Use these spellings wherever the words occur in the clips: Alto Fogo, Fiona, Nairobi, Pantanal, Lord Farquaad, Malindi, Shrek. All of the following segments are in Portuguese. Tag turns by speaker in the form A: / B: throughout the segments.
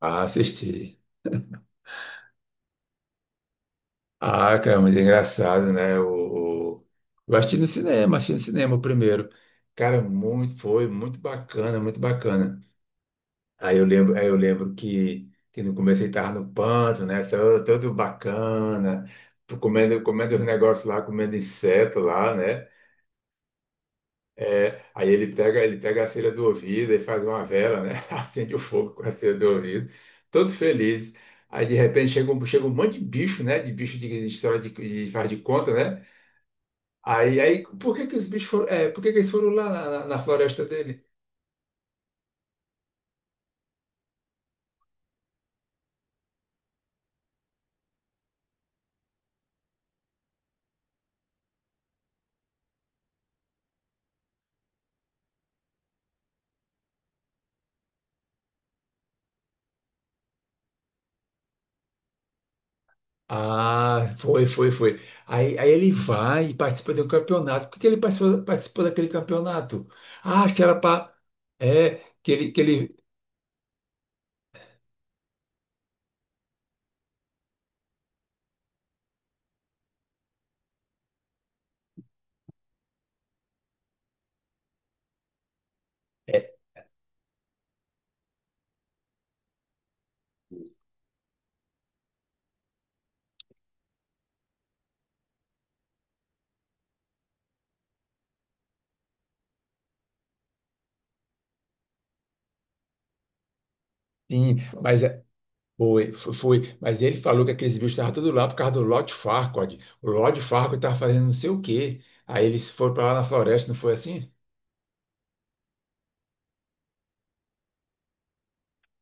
A: Ah, assisti. Ah, cara, é muito engraçado, né? Eu assisti no cinema o primeiro. Cara, foi muito bacana, muito bacana. Aí eu lembro que no começo ele tava no panto, né? Todo bacana, comendo os negócios lá, comendo inseto lá, né? É, aí ele pega a cera do ouvido e faz uma vela, né? Acende o fogo com a cera do ouvido, todo feliz. Aí de repente chega um monte de bicho, né? De bicho de história de faz de conta, né? Aí, por que que eles foram lá na, na floresta dele? Ah, foi, foi, foi. Aí ele vai e participa de um campeonato. Por que que ele participou daquele campeonato? Ah, acho que era para. É. que ele, que ele. é, Sim. Mas Foi, fo- foi, mas ele falou que aqueles bichos estavam tudo lá por causa do Lord Farquaad. O Lord Farquaad estava fazendo não sei o quê. Aí eles foram para lá na floresta, não foi assim?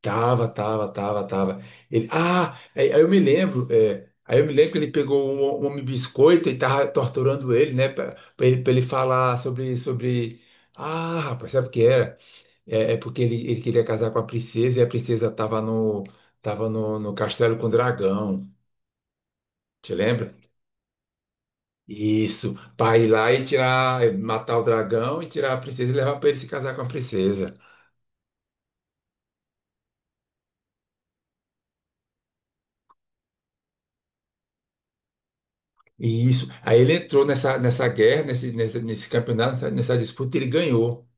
A: Tava, tava, tava, tava. Ele, ah, aí, aí eu me lembro, é, aí eu me lembro que ele pegou um homem biscoito e tava torturando ele, né, pra ele falar sobre. Ah, rapaz, sabe o que era? É porque ele queria casar com a princesa e a princesa tava no castelo com o dragão. Te lembra? Isso, para ir lá e tirar, eh, matar o dragão e tirar a princesa e levar para ele se casar com a princesa. E isso. Aí ele entrou nessa guerra, nesse campeonato, nessa disputa, e ele ganhou.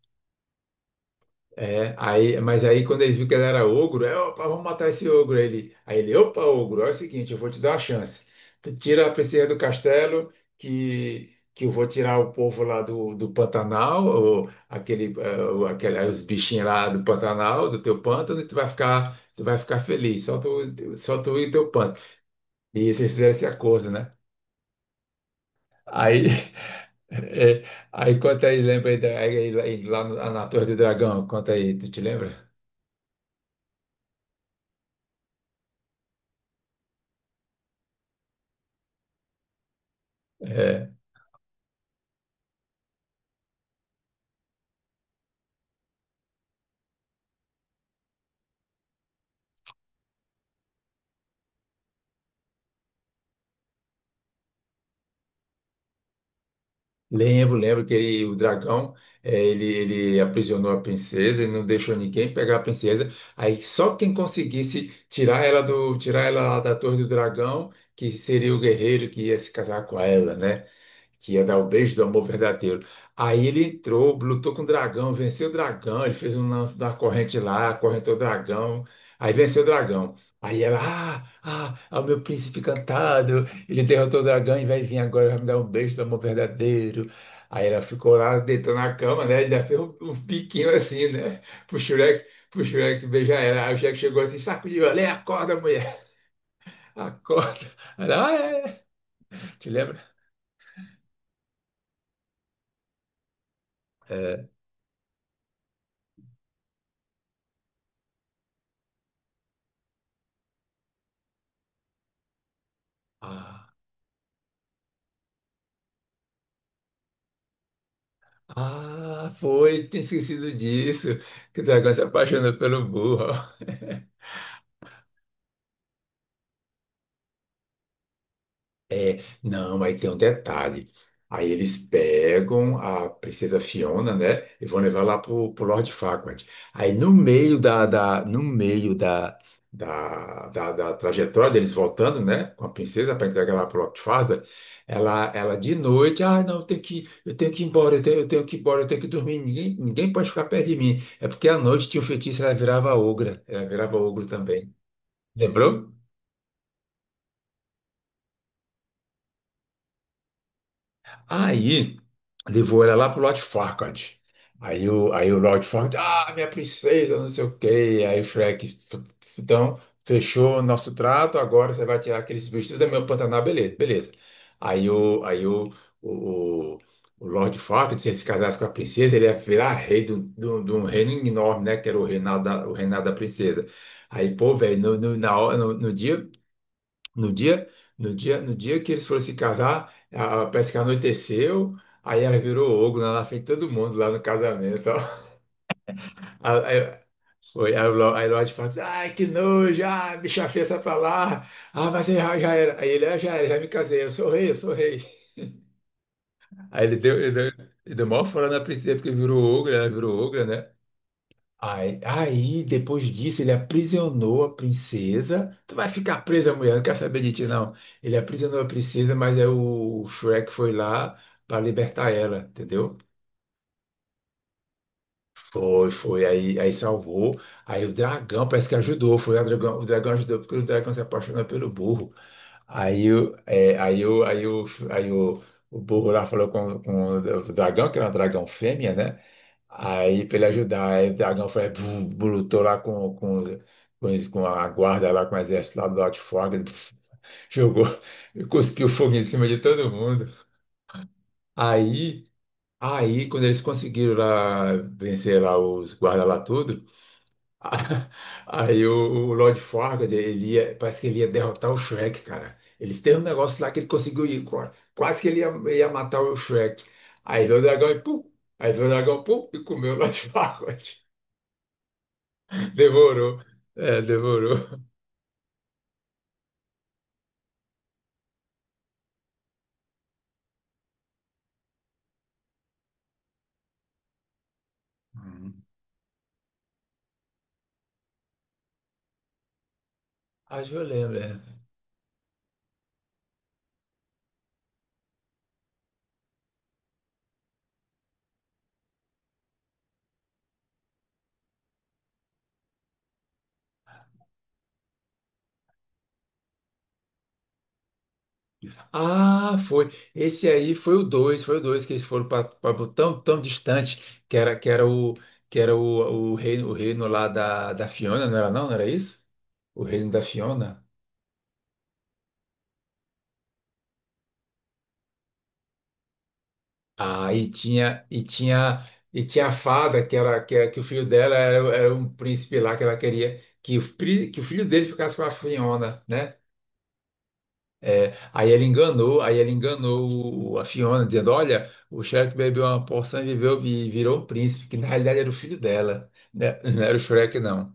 A: É, aí, mas aí quando eles viram que ele era ogro, é, opa, vamos matar esse ogro. Aí ele, opa, ogro, é o seguinte, eu vou te dar uma chance. Tu tira a princesa do castelo, que eu vou tirar o povo lá do Pantanal, ou aquele, os bichinhos lá do Pantanal, do teu pântano, e tu vai ficar feliz, só tu e teu pântano. E eles fizeram esse acordo, né? Aí, é, aí conta aí, lembra aí, aí lá na Torre do Dragão, conta aí, tu te lembra? É. Lembro que o dragão, ele aprisionou a princesa, ele não deixou ninguém pegar a princesa. Aí só quem conseguisse tirar ela tirar ela lá da torre do dragão, que seria o guerreiro que ia se casar com ela, né? Que ia dar o beijo do amor verdadeiro. Aí ele entrou, lutou com o dragão, venceu o dragão, ele fez um lance da corrente lá, acorrentou o dragão, aí venceu o dragão. Aí ela, ah, ah, é o meu príncipe encantado, ele derrotou o dragão e vai vir agora, vai me dar um beijo do amor verdadeiro. Aí ela ficou lá, deitou na cama, né? Ele ainda fez um piquinho assim, né? Pro Shrek, pro Shrek beijar ela. Aí o Shrek chegou assim, sacudiu ela: "Ei, acorda, mulher, acorda." Ela, ah, é. Te lembra? É. Ah, ah, foi, tinha esquecido disso, que o dragão se apaixonou pelo burro. Não, aí tem um detalhe. Aí eles pegam a princesa Fiona, né, e vão levar lá pro Lord Farquaad. Aí no meio da, da- no meio da trajetória deles voltando, né, com a princesa para entregar lá pro Lord Farquaad, ela de noite, ah, não, eu tenho que ir embora, eu tenho que ir embora, eu tenho que dormir, ninguém pode ficar perto de mim. É porque à noite tinha um feitiço, ela virava ogra, ela virava ogro também. Lembrou? Aí levou ela lá pro Lord Farquaad. Aí o Lord Farquaad, ah, minha princesa, não sei o quê. Aí o Shrek: "Então, fechou o nosso trato, agora você vai tirar aqueles bichos tudo da minha Pantanal, beleza, beleza." Aí o Lord Farquaad, se ele se casasse com a princesa, ele ia virar rei de um reino enorme, né? Que era o reinado da princesa. Aí, pô, velho, no dia. No dia, no dia que eles foram se casar, parece que anoiteceu, aí ela virou ogro, né? Lá na frente de todo mundo lá no casamento, ó. Aí, aí, aí, o Lo- aí Lorde fala: "Ai, que nojo, ah, bicha feia, sai pra lá. Ah, mas já, já era." Aí ele: "Ah, já era, já me casei, eu sou rei, eu sou rei." Aí ele deu maior fora na princesa, porque virou ogro, ela virou ogra, né? Aí, depois disso, ele aprisionou a princesa. "Tu vai ficar presa, mulher, não quero saber de ti, não." Ele aprisionou a princesa, mas aí o Shrek foi lá para libertar ela, entendeu? Foi, foi. Aí salvou. Aí o dragão parece que ajudou. Foi o dragão ajudou, porque o dragão se apaixonou pelo burro. Aí, aí o, o burro lá falou com o dragão, que era um dragão fêmea, né? Aí, pra ele ajudar, aí o dragão foi, bum, lutou lá com a guarda lá, com o exército lá do Alto Fogo, jogou, cuspiu fogo em cima de todo mundo. Aí, aí, quando eles conseguiram lá vencer lá os guardas lá tudo, a- aí o, o Lord Farquaad, ele ia, parece que ele ia derrotar o Shrek, cara. Ele tem um negócio lá que ele conseguiu ir, quase que ele ia, matar o Shrek. Aí veio o dragão e pum, aí veio o dragão pum, e comeu o Lord Farquaad. Demorou. É, demorou. Uhum. Acho que eu lembro, é. Ah, foi. Esse aí foi o 2 que eles foram para tão, tão distante que era o reino, o reino lá da Fiona, não era não? Não era isso? O reino da Fiona. Ah, e tinha e tinha a fada, que era que o filho dela era, era um príncipe lá, que ela queria que o filho dele ficasse com a Fiona, né? É, aí ele enganou a Fiona, dizendo: "Olha, o Shrek bebeu uma porção e viveu e virou um príncipe", que na realidade era o filho dela, né? Não era o Shrek, não.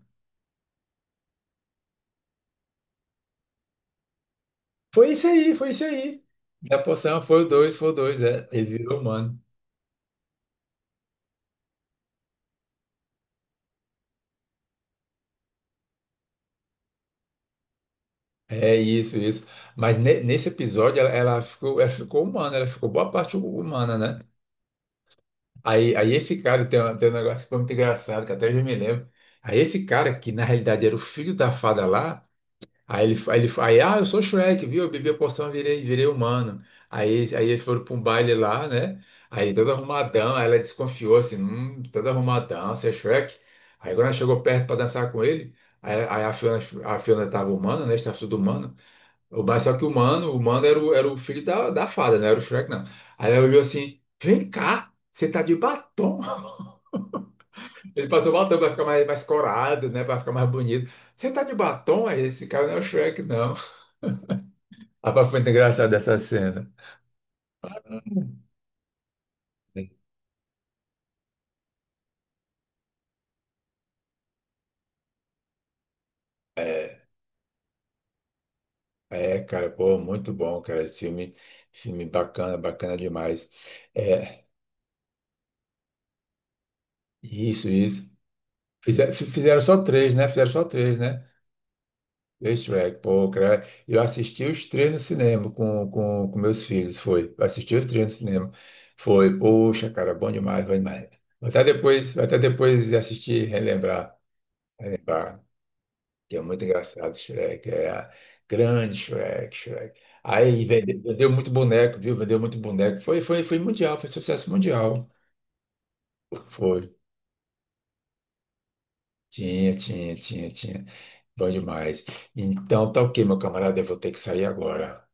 A: Foi isso aí, foi isso aí. Da porção foi o dois, é. Ele virou humano. É isso, isso. Mas nesse episódio ela ficou humana, ela ficou boa parte humana, né? Aí esse cara tem, tem um negócio que foi muito engraçado, que até eu me lembro. Aí esse cara, que na realidade era o filho da fada lá. Aí ele, eu sou Shrek, viu? Eu bebi a poção, virei humano. Aí, eles foram para um baile lá, né? Aí todo arrumadão, aí ela desconfiou assim: "Todo arrumadão, você é Shrek?" Aí quando ela chegou perto para dançar com ele, aí, aí a Fiona, a Fiona tava humana, né? Estava tudo humano. Mas só que o humano era o filho da fada, não era o Shrek, não. Aí ela olhou assim: "Vem cá, você tá de batom." Ele passou batom para ficar mais corado, né? Para ficar mais bonito. "Você tá de batom? Aí esse cara não é o Shrek, não." Rapaz, foi muito engraçado essa cena. É, é, cara, pô, muito bom, cara. Esse filme bacana, bacana demais. É, isso, isso. Fizeram só três, né? Fizeram só três, né? Três Shrek, pô, cara. Eu assisti os três no cinema com meus filhos, foi. Eu assisti os três no cinema. Foi, poxa, cara, bom demais, bom demais. Vou até depois assistir, relembrar, relembrar. Que é muito engraçado, Shrek. É grande Shrek, Shrek. Aí vendeu muito boneco, viu? Vendeu muito boneco. Foi, foi, foi mundial, foi sucesso mundial. Foi. Tinha, tinha, tinha, tinha. Bom demais. Então, tá ok, meu camarada. Eu vou ter que sair agora.